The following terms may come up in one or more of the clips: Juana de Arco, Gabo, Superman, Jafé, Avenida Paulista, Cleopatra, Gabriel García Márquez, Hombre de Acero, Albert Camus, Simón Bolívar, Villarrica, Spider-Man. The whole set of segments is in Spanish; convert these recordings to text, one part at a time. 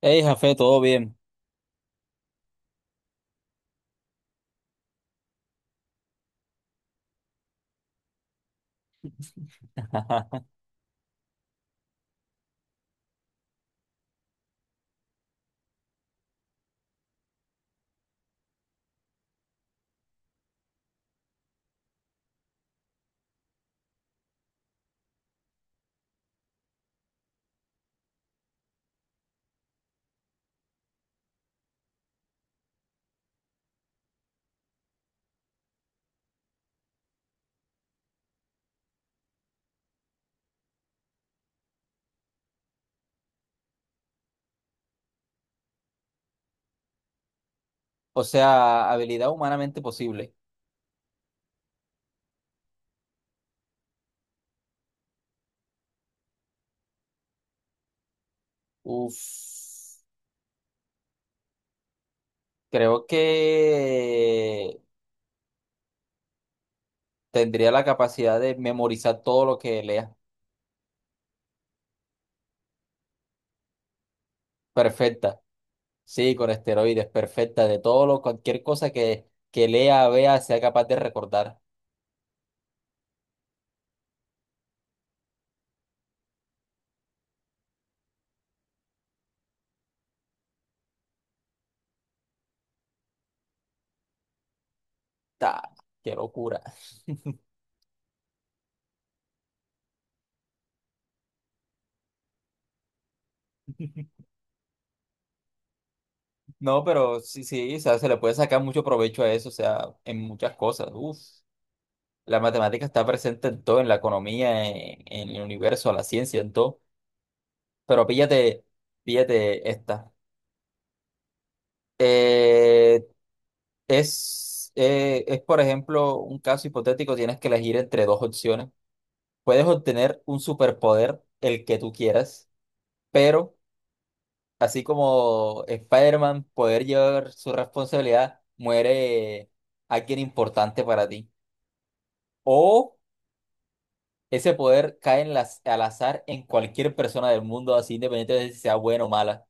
Hey, Jafé, todo bien. O sea, habilidad humanamente posible. Uf, creo que tendría la capacidad de memorizar todo lo que lea. Perfecta. Sí, con esteroides, perfecta. De todo lo, cualquier cosa que lea, vea, sea capaz de recordar. Ta, ¡qué locura! No, pero sí, sí, o sea, se le puede sacar mucho provecho a eso, o sea, en muchas cosas. Uf. La matemática está presente en todo, en la economía, en el universo, la ciencia, en todo. Pero píllate, píllate esta. Eh, es, por ejemplo, un caso hipotético, tienes que elegir entre dos opciones. Puedes obtener un superpoder, el que tú quieras, pero así como Spider-Man, poder llevar su responsabilidad, muere alguien importante para ti. O ese poder cae en las, al azar en cualquier persona del mundo, así independiente de si sea buena o mala.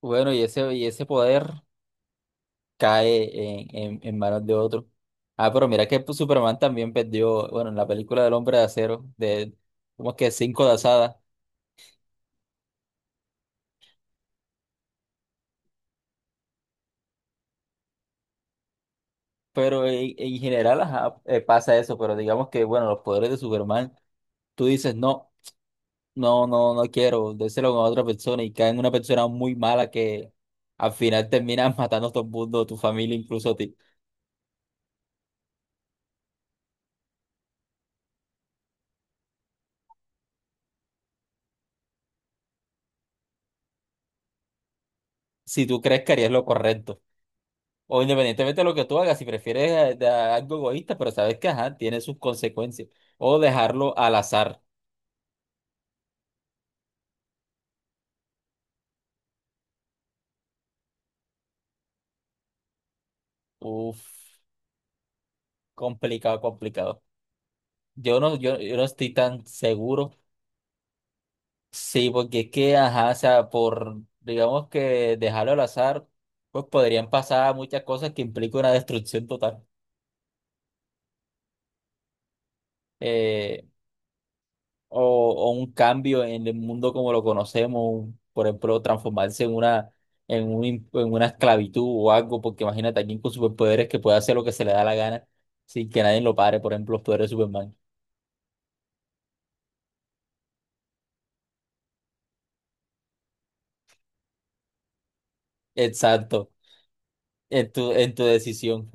Bueno, y ese poder cae en manos de otro. Ah, pero mira que pues, Superman también perdió, bueno, en la película del Hombre de Acero, de como que cinco de asada, pero en general ajá, pasa eso, pero digamos que, bueno, los poderes de Superman, tú dices, no, no quiero, déselo a otra persona y cae en una persona muy mala que al final termina matando a todo el mundo, tu familia incluso a ti. Si tú crees que harías lo correcto. O independientemente de lo que tú hagas, si prefieres de- algo egoísta, pero sabes que ajá, tiene sus consecuencias. O dejarlo al azar. Uf, complicado, complicado. Yo no, yo no estoy tan seguro. Sí, porque es que, ajá, o sea, por, digamos que dejarlo al azar, pues podrían pasar muchas cosas que implican una destrucción total. Eh, o un cambio en el mundo como lo conocemos, un- por ejemplo, transformarse en una, en un, in- en una esclavitud o algo, porque imagínate alguien con superpoderes que puede hacer lo que se le da la gana sin que nadie lo pare, por ejemplo, los poderes de Superman. Exacto, en tu decisión.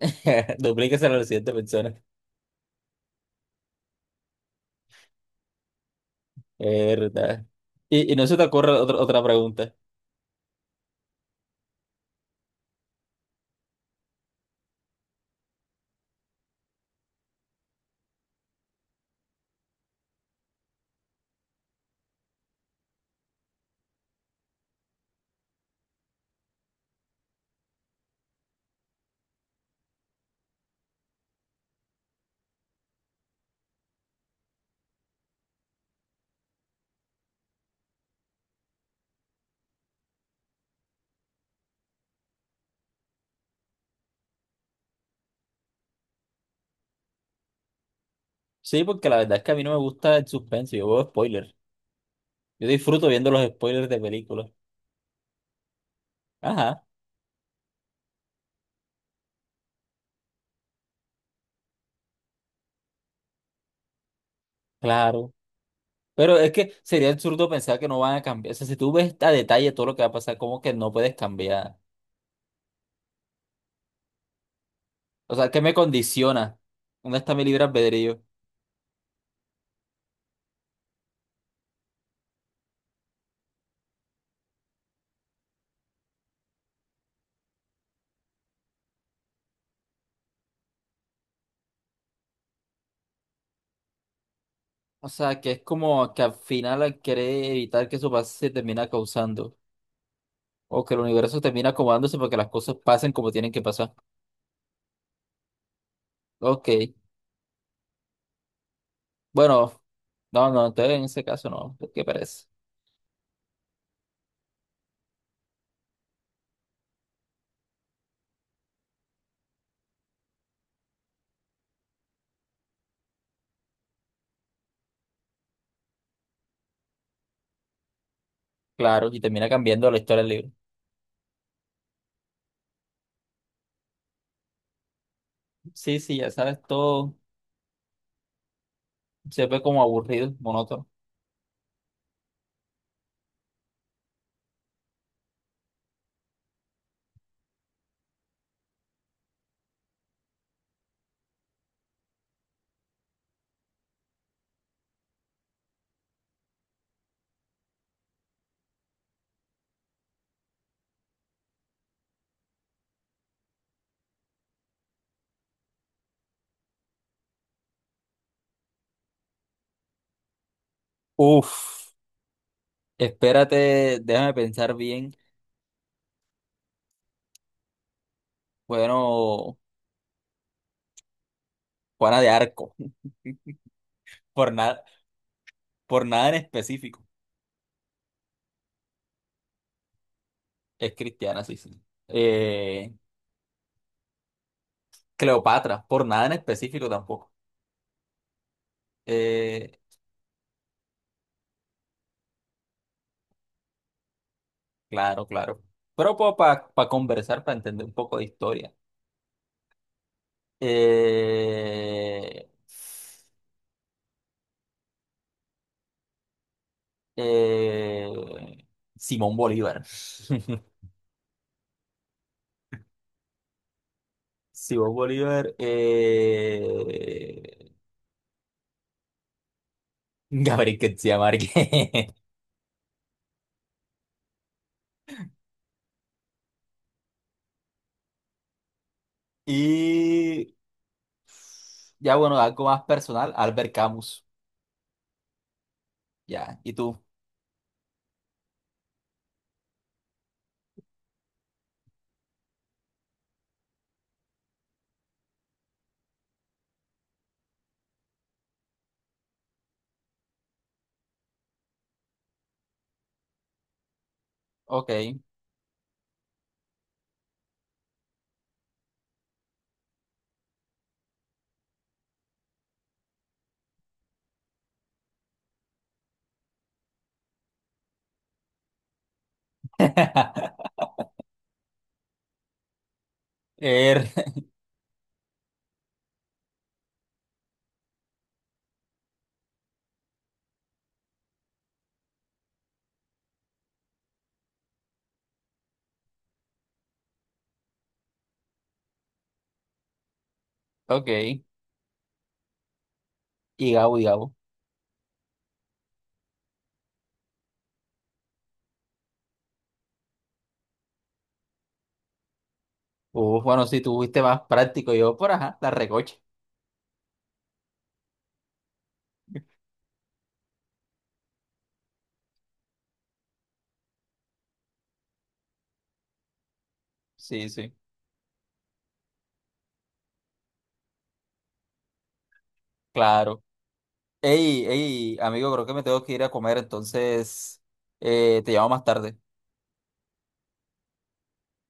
Duplíquese a la siguiente persona. Es verdad. Y no se te ocurre otra, otra pregunta. Sí, porque la verdad es que a mí no me gusta el suspense, yo veo spoilers. Yo disfruto viendo los spoilers de películas. Ajá, claro. Pero es que sería absurdo pensar que no van a cambiar. O sea, si tú ves a detalle todo lo que va a pasar, ¿cómo que no puedes cambiar? O sea, ¿qué me condiciona? ¿Dónde está mi libre albedrío? O sea, que es como que al final quiere evitar que eso pase, se termina causando. O que el universo termina acomodándose para que las cosas pasen como tienen que pasar. Ok. Bueno, no, no, entonces en ese caso no. ¿Qué parece? Claro, y termina cambiando la historia del libro. Sí, sí, ya sabes, todo se ve como aburrido, monótono. Uf. Espérate, déjame pensar bien. Bueno, Juana de Arco, por nada, por nada en específico. Es cristiana, sí, sí. Eh, Cleopatra, por nada en específico tampoco. Eh, claro, claro. Pero para conversar, para entender un poco de historia. Eh, eh, Simón Bolívar. Simón Bolívar. Gabriel García Márquez. Y ya bueno, algo más personal, Albert Camus. Ya, ¿y tú? Ok. Er, ok. Y Gabo, y Gabo. Bueno, si tú fuiste más práctico, yo por ajá, la recocha. Sí, sí, claro. Ey, ey, amigo, creo que me tengo que ir a comer, entonces te llamo más tarde.